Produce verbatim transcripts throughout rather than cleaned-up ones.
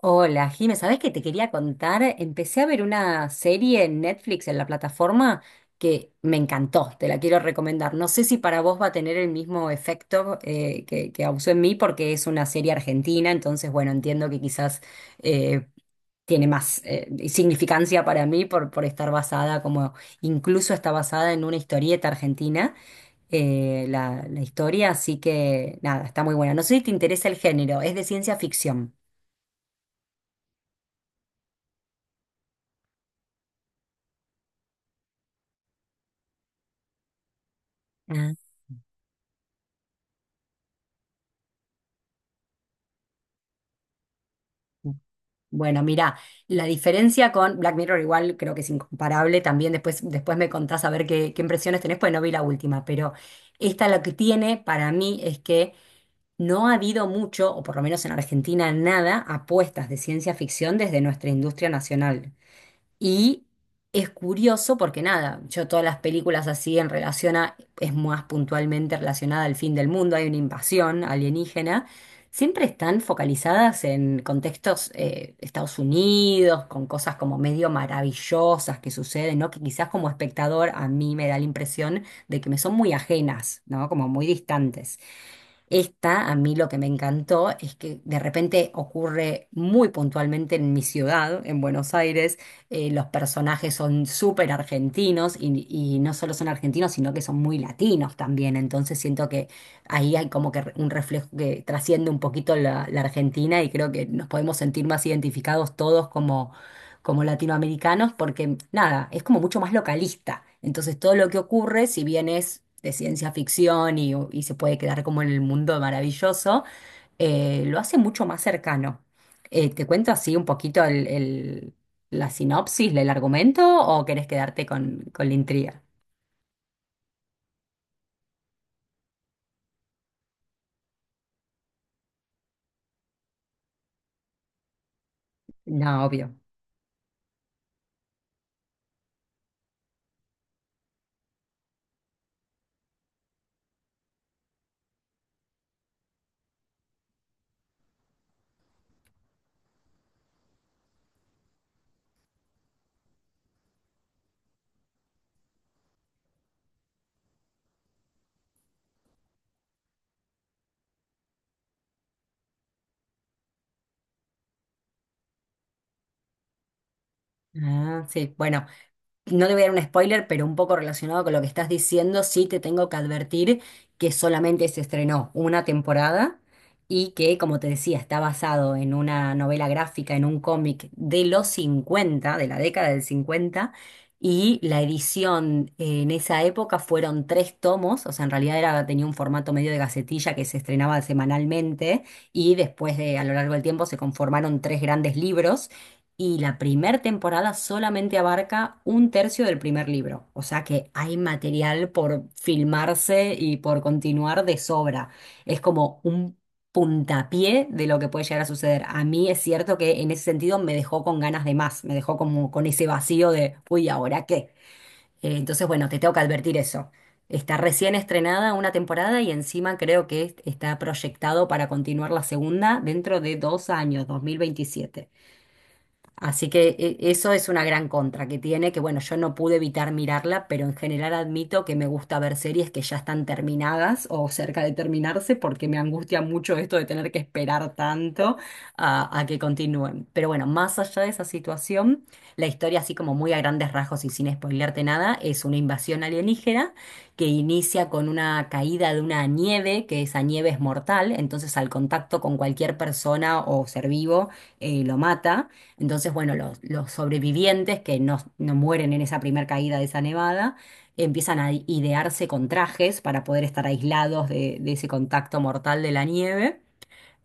Hola, Jime, ¿sabés qué te quería contar? Empecé a ver una serie en Netflix, en la plataforma, que me encantó, te la quiero recomendar. No sé si para vos va a tener el mismo efecto eh, que, que causó en mí, porque es una serie argentina, entonces, bueno, entiendo que quizás eh, tiene más eh, significancia para mí por, por estar basada, como incluso está basada en una historieta argentina, eh, la, la historia, así que nada, está muy buena. No sé si te interesa el género, es de ciencia ficción. Ah. Bueno, mira, la diferencia con Black Mirror igual creo que es incomparable. También después, después me contás a ver qué, qué impresiones tenés, pues no vi la última, pero esta lo que tiene para mí es que no ha habido mucho, o por lo menos en Argentina, nada, apuestas de ciencia ficción desde nuestra industria nacional. Y es curioso porque nada, yo todas las películas así en relación a, es más puntualmente relacionada al fin del mundo, hay una invasión alienígena, siempre están focalizadas en contextos eh, Estados Unidos, con cosas como medio maravillosas que suceden, ¿no? Que quizás como espectador a mí me da la impresión de que me son muy ajenas, ¿no? Como muy distantes. Esta, a mí lo que me encantó es que de repente ocurre muy puntualmente en mi ciudad, en Buenos Aires. Eh, los personajes son súper argentinos y, y no solo son argentinos, sino que son muy latinos también. Entonces siento que ahí hay como que re- un reflejo que trasciende un poquito la, la Argentina y creo que nos podemos sentir más identificados todos como latinoamericanos, porque nada, es como mucho más localista. Entonces todo lo que ocurre, si bien es de ciencia ficción y, y se puede quedar como en el mundo maravilloso, eh, lo hace mucho más cercano. Eh, ¿te cuento así un poquito el, el- la sinopsis, el argumento, o querés quedarte con, con la intriga? No, obvio. Ah, sí, bueno. No te voy a dar un spoiler, pero un poco relacionado con lo que estás diciendo, sí te tengo que advertir que solamente se estrenó una temporada y que, como te decía, está basado en una novela gráfica, en un cómic de los cincuenta, de la década del cincuenta y la edición eh, en esa época fueron tres tomos, o sea, en realidad era, tenía un formato medio de gacetilla que se estrenaba semanalmente y después de, a lo largo del tiempo se conformaron tres grandes libros y la primera temporada solamente abarca un tercio del primer libro, o sea que hay material por filmarse y por continuar de sobra. Es como un puntapié de lo que puede llegar a suceder. A mí es cierto que en ese sentido me dejó con ganas de más, me dejó como con ese vacío de, uy, ¿ahora qué? Eh, entonces, bueno, te tengo que advertir eso. Está recién estrenada una temporada y encima creo que está proyectado para continuar la segunda dentro de dos años, dos mil veintisiete. Así que eh, eso es una gran contra que tiene, que bueno, yo no pude evitar mirarla, pero en general admito que me gusta ver series que ya están terminadas o cerca de terminarse porque me angustia mucho esto de tener que esperar tanto a, a que continúen. Pero bueno, más allá de esa situación, la historia así como muy a grandes rasgos y sin spoilearte nada, es una invasión alienígena que inicia con una caída de una nieve, que esa nieve es mortal, entonces al contacto con cualquier persona o ser vivo eh, lo mata. Entonces, bueno, los, los sobrevivientes que no, no mueren en esa primera caída de esa nevada, empiezan a idearse con trajes para poder estar aislados de, de ese contacto mortal de la nieve.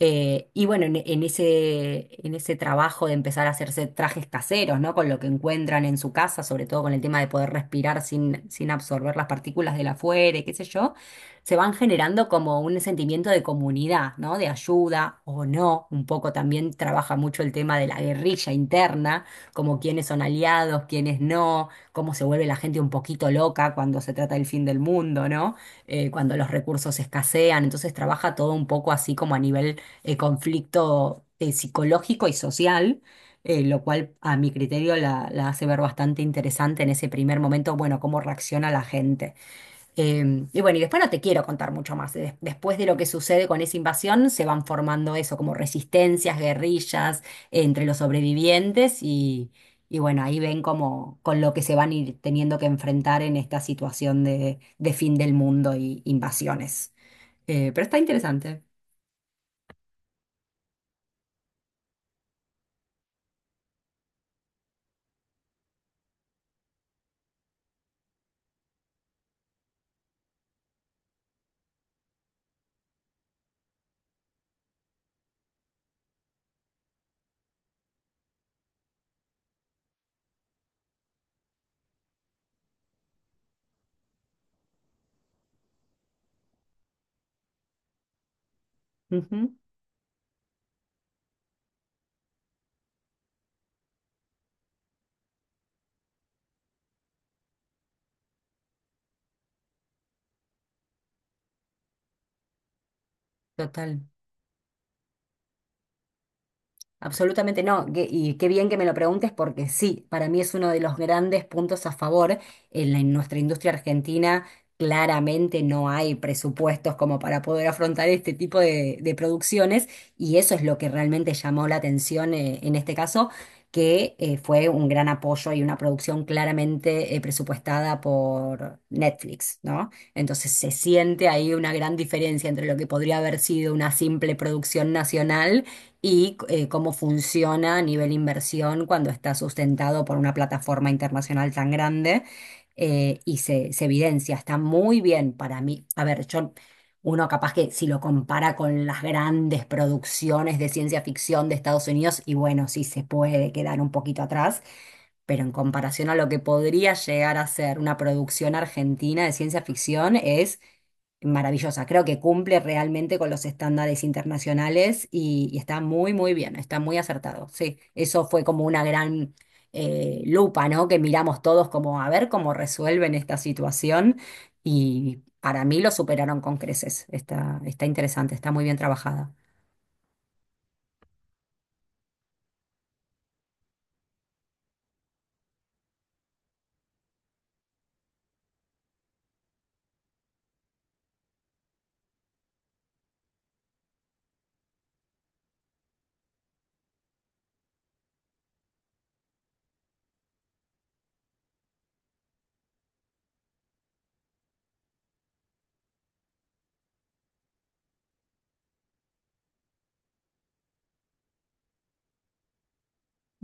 Eh, y bueno, en, en ese, en ese trabajo de empezar a hacerse trajes caseros, ¿no? Con lo que encuentran en su casa, sobre todo con el tema de poder respirar sin, sin absorber las partículas del afuera, y qué sé yo, se van generando como un sentimiento de comunidad, ¿no? De ayuda o no. Un poco también trabaja mucho el tema de la guerrilla interna, como quiénes son aliados, quiénes no, cómo se vuelve la gente un poquito loca cuando se trata del fin del mundo, ¿no? Eh, cuando los recursos escasean. Entonces trabaja todo un poco así como a nivel eh, conflicto eh, psicológico y social, eh, lo cual a mi criterio la, la hace ver bastante interesante en ese primer momento, bueno, cómo reacciona la gente. Eh, y bueno, y después no te quiero contar mucho más. Des- después de lo que sucede con esa invasión, se van formando eso, como resistencias, guerrillas eh, entre los sobrevivientes y... Y bueno, ahí ven como con lo que se van a ir teniendo que enfrentar en esta situación de, de fin del mundo y invasiones. Eh, pero está interesante. Ujú, total. Absolutamente no. Que- y qué bien que me lo preguntes porque sí, para mí es uno de los grandes puntos a favor. En la- en nuestra industria argentina claramente no hay presupuestos como para poder afrontar este tipo de, de producciones y eso es lo que realmente llamó la atención eh, en este caso, que eh, fue un gran apoyo y una producción claramente eh, presupuestada por Netflix, ¿no? Entonces se siente ahí una gran diferencia entre lo que podría haber sido una simple producción nacional y eh, cómo funciona a nivel inversión cuando está sustentado por una plataforma internacional tan grande eh, y se, se evidencia. Está muy bien para mí. A ver, yo, uno capaz que si lo compara con las grandes producciones de ciencia ficción de Estados Unidos, y bueno, sí se puede quedar un poquito atrás, pero en comparación a lo que podría llegar a ser una producción argentina de ciencia ficción, es maravillosa. Creo que cumple realmente con los estándares internacionales y, y está muy, muy bien, está muy acertado. Sí, eso fue como una gran eh, lupa, ¿no? Que miramos todos como a ver cómo resuelven esta situación y para mí lo superaron con creces. Está, está interesante, está muy bien trabajada.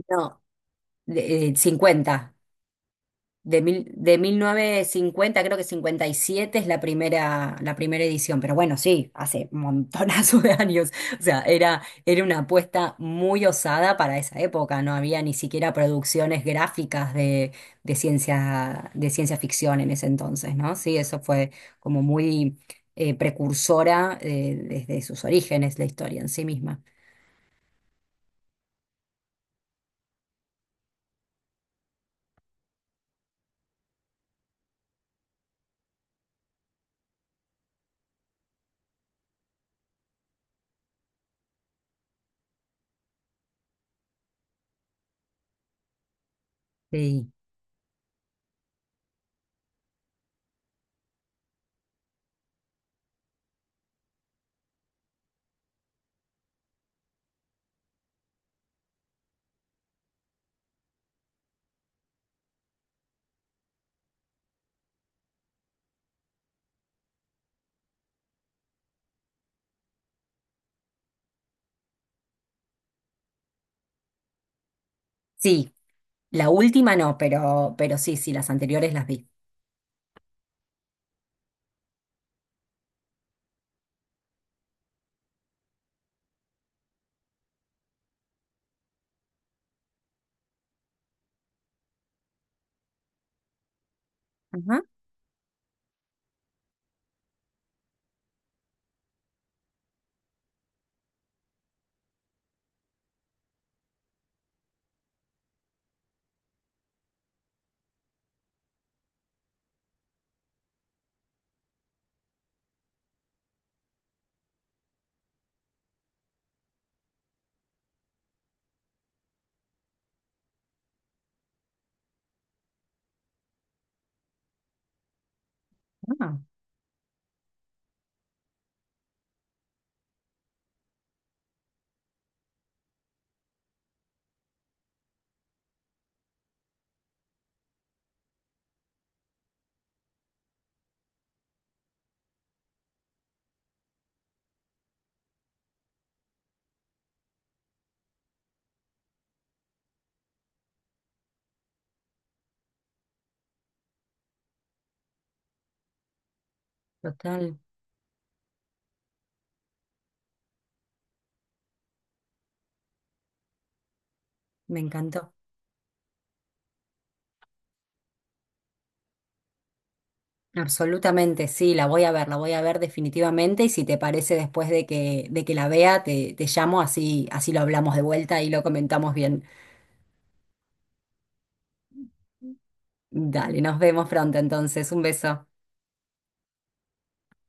No, de- eh, cincuenta. De, mil, de mil novecientos cincuenta creo que cincuenta y siete es la primera, la primera edición, pero bueno, sí, hace un montonazo de años. O sea, era, era una apuesta muy osada para esa época. No había ni siquiera producciones gráficas de, de ciencia, de ciencia ficción en ese entonces, ¿no? Sí, eso fue como muy eh, precursora eh, desde sus orígenes, la historia en sí misma. Sí. Sí, la última no, pero, pero sí, sí, las anteriores las vi. Ajá, ah, total. Me encantó. Absolutamente, sí, la voy a ver, la voy a ver definitivamente y si te parece después de que, de que la vea, te, te llamo, así, así lo hablamos de vuelta y lo comentamos bien. Dale, nos vemos pronto entonces, un beso.